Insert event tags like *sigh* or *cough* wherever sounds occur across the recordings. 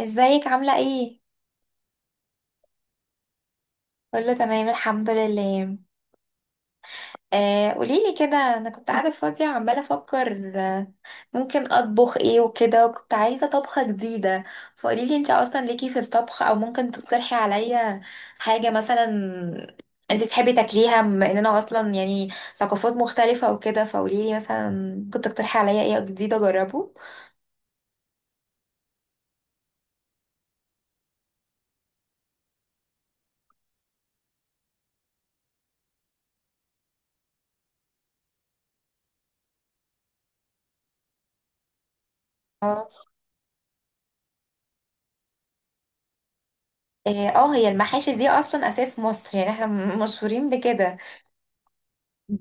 ازيك عاملة ايه؟ كله تمام الحمد لله. قوليلي كده، انا كنت قاعدة فاضية وعمالة افكر، ممكن اطبخ ايه وكده، وكنت عايزة طبخة جديدة. فقوليلي انت اصلا ليكي في الطبخ، او ممكن تقترحي عليا حاجة مثلا انت بتحبي تاكليها، بما اننا اصلا يعني ثقافات مختلفة وكده. فقوليلي مثلا ممكن تقترحي عليا ايه جديد اجربه. اه اه، هي المحاشي دي اصلا اساس مصر، يعني احنا مشهورين بكده.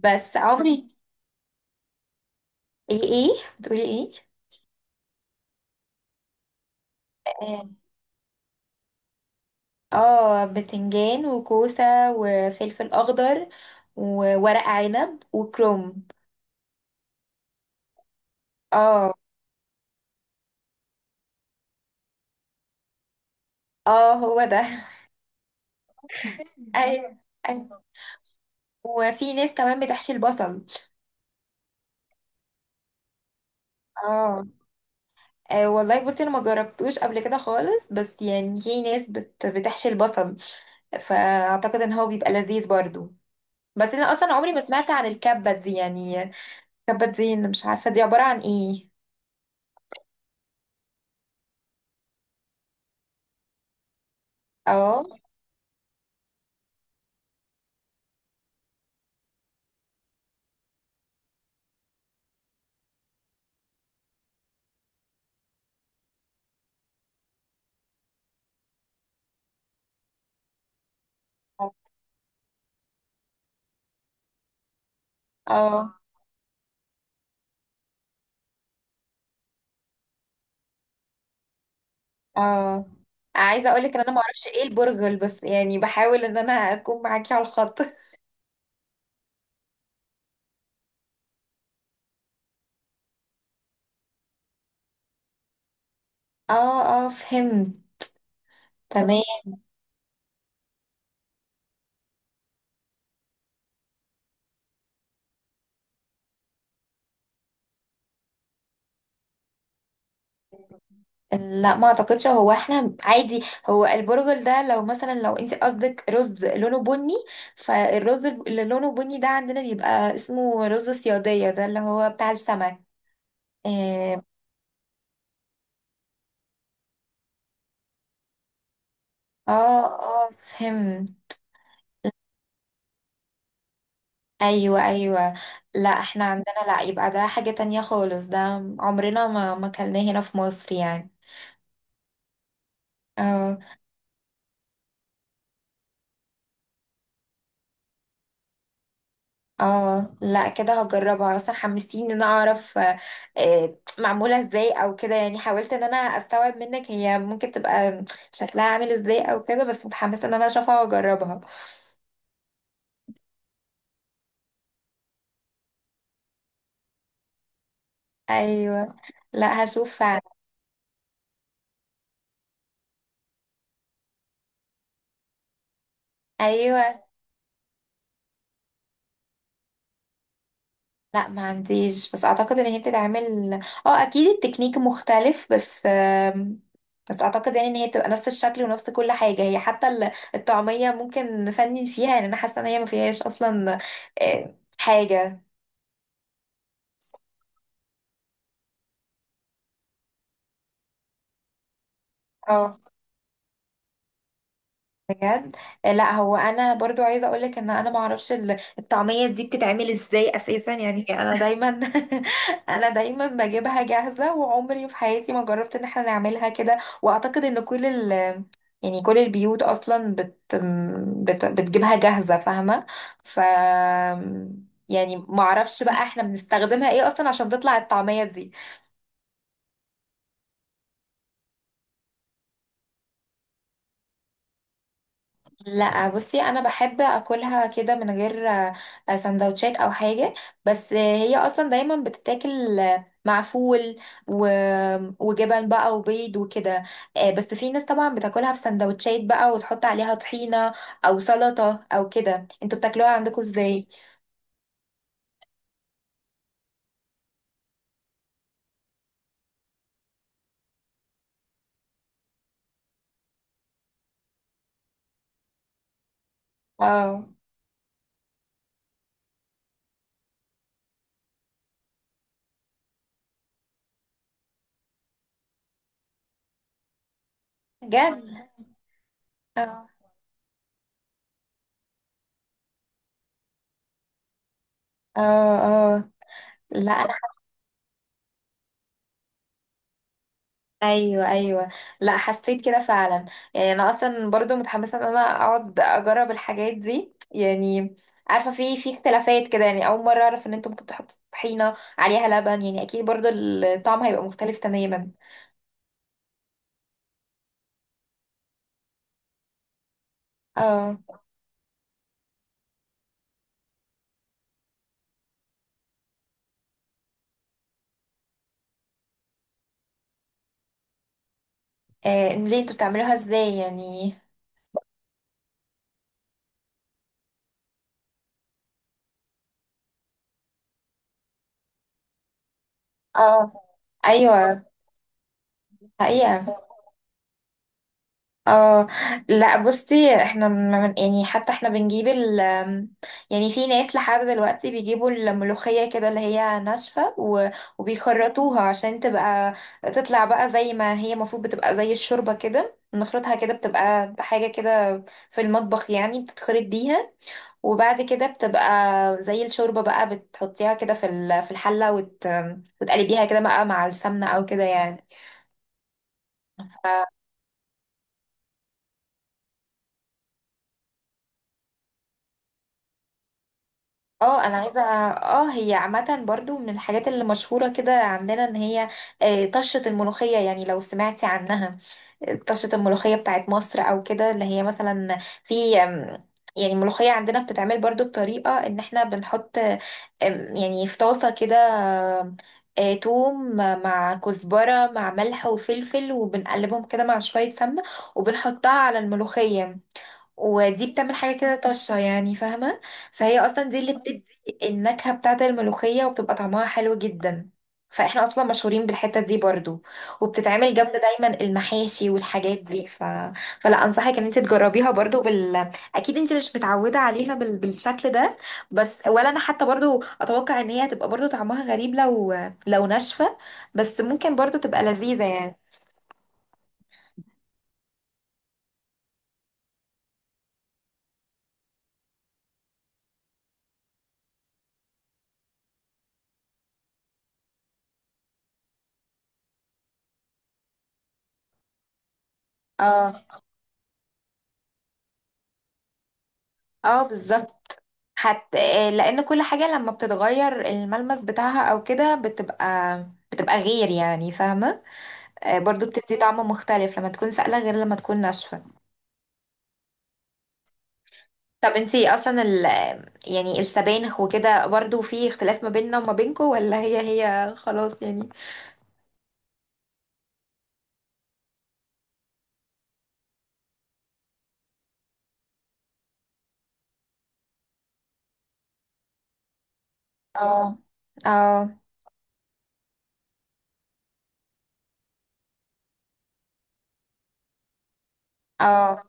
بس عمري. ايه ايه، بتقولي ايه؟ آه، اه بتنجان وكوسة، وفلفل اخضر، وورق عنب وكروم. اه اه، هو ده *laughs* ايوه. أيوة. وفي ناس كمان بتحشي البصل. اه. والله بصي، انا ما جربتوش قبل كده خالص، بس يعني في ناس بتحشي البصل، فاعتقد ان هو بيبقى لذيذ برضو. بس انا اصلا عمري ما سمعت عن الكبة دي يعني. الكبة دي أنا مش عارفة دي عبارة عن ايه. اه اه اه، عايزه اقول لك ان انا ما اعرفش ايه البرغل، بس يعني بحاول ان انا اكون معاكي على الخط. *laughs* اه اه، فهمت. تمام. لا، ما اعتقدش، هو احنا عادي. هو البرجل ده لو مثلا، لو انت قصدك رز لونه بني، فالرز اللي لونه بني ده عندنا بيبقى اسمه رز صيادية، ده اللي هو بتاع السمك. اه اه فهمت. ايوه ايوه، لا احنا عندنا، لا يبقى ده حاجة تانية خالص ده، عمرنا ما كلناه هنا في مصر يعني. اه اه، لا كده هجربها، اصلا حمستيني ان انا اعرف، معموله ازاي او كده، يعني حاولت ان انا استوعب منك هي ممكن تبقى شكلها عامل ازاي او كده، بس متحمسه ان انا اشوفها واجربها. ايوه، لا هشوف فعلا. ايوه، لا ما عنديش، بس اعتقد ان هي بتتعمل. اه، اكيد التكنيك مختلف، بس بس اعتقد يعني ان هي بتبقى نفس الشكل ونفس كل حاجه، هي حتى الطعميه ممكن نفنن فيها، يعني انا حاسه ان هي ما فيهاش اصلا حاجه. اه، بجد. لا هو انا برضو عايزه اقولك ان انا ما اعرفش الطعميه دي بتتعمل ازاي اساسا، يعني انا دايما *laughs* انا دايما بجيبها جاهزه، وعمري في حياتي ما جربت ان احنا نعملها كده. واعتقد ان كل ال، يعني كل البيوت اصلا بت بت بتجيبها جاهزه، فاهمه؟ ف، يعني ما اعرفش بقى احنا بنستخدمها ايه اصلا عشان تطلع الطعميه دي. لا بصي، انا بحب اكلها كده من غير سندوتشات او حاجه. بس هي اصلا دايما بتتاكل، مع فول و، وجبن بقى وبيض وكده. بس في ناس طبعا بتاكلها في سندوتشات بقى، وتحط عليها طحينه، او سلطه او كده. انتوا بتاكلوها عندكم ازاي؟ اه، بجد. اه اه لا. ايوه ايوه، لا حسيت كده فعلا، يعني انا اصلا برضو متحمسه ان انا اقعد اجرب الحاجات دي يعني. عارفه في اختلافات كده، يعني اول مره اعرف ان انتوا ممكن تحطوا طحينه عليها لبن، يعني اكيد برضو الطعم هيبقى مختلف تماما. اه ليه انتوا بتعملوها ازاي يعني؟ اه، ايوه، حقيقه. اه لا بصي احنا من، يعني حتى احنا بنجيب ال، يعني في ناس لحد دلوقتي بيجيبوا الملوخية كده اللي هي ناشفة وبيخرطوها عشان تبقى تطلع بقى زي ما هي المفروض، بتبقى زي الشوربة كده نخرطها كده، بتبقى حاجة كده في المطبخ، يعني بتتخرط بيها، وبعد كده بتبقى زي الشوربة بقى، بتحطيها كده في في الحلة وت، وتقلبيها كده بقى مع السمنة او كده يعني. اه انا عايزه، اه هي عامه برضو من الحاجات اللي مشهوره كده عندنا، ان هي طشه الملوخيه، يعني لو سمعتي عنها طشه الملوخيه بتاعت مصر او كده، اللي هي مثلا في يعني الملوخيه عندنا بتتعمل برضو بطريقه ان احنا بنحط، يعني في طاسه كده، آم، توم مع كزبره مع ملح وفلفل، وبنقلبهم كده مع شويه سمنه، وبنحطها على الملوخيه، ودي بتعمل حاجة كده طشة، يعني فاهمة؟ فهي أصلا دي اللي بتدي النكهة بتاعة الملوخية، وبتبقى طعمها حلو جدا. فاحنا أصلا مشهورين بالحتة دي برضو، وبتتعمل جنب دايما المحاشي والحاجات دي ف، فلا أنصحك إن انت تجربيها برضو بال، أكيد انت مش متعودة عليها بال، بالشكل ده، بس ولا أنا حتى برضو أتوقع إن هي هتبقى برضو طعمها غريب لو، لو ناشفة، بس ممكن برضو تبقى لذيذة يعني. اه اه بالظبط. حتى، لان كل حاجة لما بتتغير الملمس بتاعها او كده، بتبقى بتبقى غير، يعني فاهمة؟ برضو بتدي طعم مختلف لما تكون سائلة، غير لما تكون ناشفة. طب انتي اصلا ال، يعني السبانخ وكده برضو في اختلاف ما بيننا وما بينكو، ولا هي هي خلاص يعني؟ اه اه اه،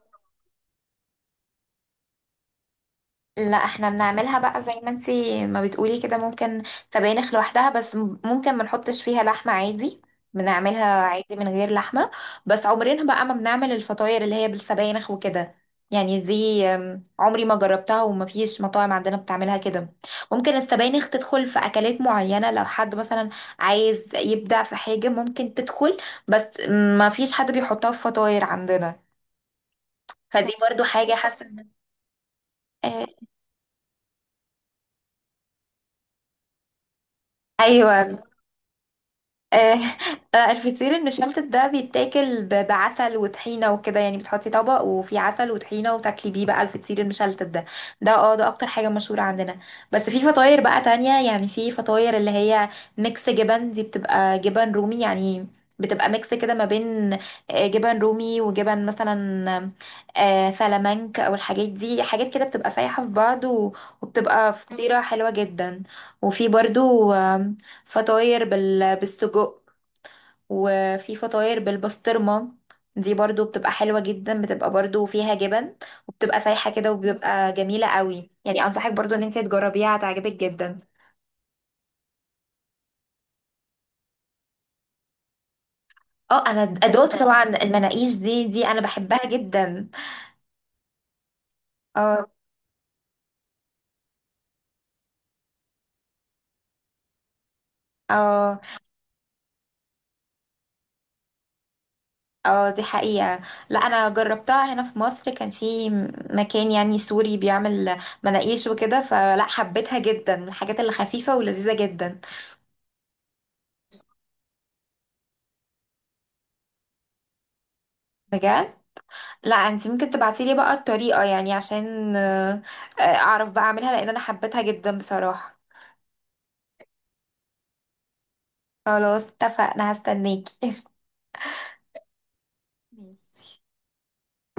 لا احنا بنعملها بقى زي ما انتي ما بتقولي كده، ممكن سبانخ لوحدها، بس ممكن ما نحطش فيها لحمة عادي، بنعملها عادي من غير لحمة. بس عمرنا بقى ما بنعمل الفطاير اللي هي بالسبانخ وكده، يعني دي عمري ما جربتها، وما فيش مطاعم عندنا بتعملها كده. ممكن السبانخ تدخل في أكلات معينة لو حد مثلا عايز يبدع في حاجة ممكن تدخل، بس ما فيش حد بيحطها في فطاير عندنا، فدي برضو حاجة حاسة اه، ايوه آه، الفطير المشلتت ده بيتاكل بعسل وطحينه وكده، يعني بتحطي طبق وفي عسل وطحينه، وتاكلي بيه بقى الفطير المشلتت ده. ده اه ده اكتر حاجه مشهوره عندنا. بس في فطاير بقى تانية، يعني في فطاير اللي هي ميكس جبن، دي بتبقى جبن رومي يعني، بتبقى ميكس كده ما بين جبن رومي وجبن مثلا فلامنك، او الحاجات دي حاجات كده بتبقى سايحه في بعض وبتبقى فطيره حلوه جدا. وفي برضو فطاير بال، بالسجق، وفي فطاير بالبسطرمة، دي برضو بتبقى حلوة جدا، بتبقى برضو فيها جبن، وبتبقى سايحة كده، وبتبقى جميلة قوي، يعني أنصحك برضو إن انت تجربيها هتعجبك جدا. اه أنا أدوت *laughs* طبعا المناقيش دي أنا بحبها جدا. اه اه اه دي حقيقة، لا أنا جربتها هنا في مصر، كان في مكان يعني سوري بيعمل مناقيش وكده، فلا حبيتها جدا، من الحاجات اللي خفيفة ولذيذة جدا. بجد، لا انت ممكن تبعتيلي بقى الطريقة يعني عشان اعرف بقى اعملها، لان انا حبيتها جدا بصراحة. خلاص اتفقنا، هستناكي *laughs* ماشي.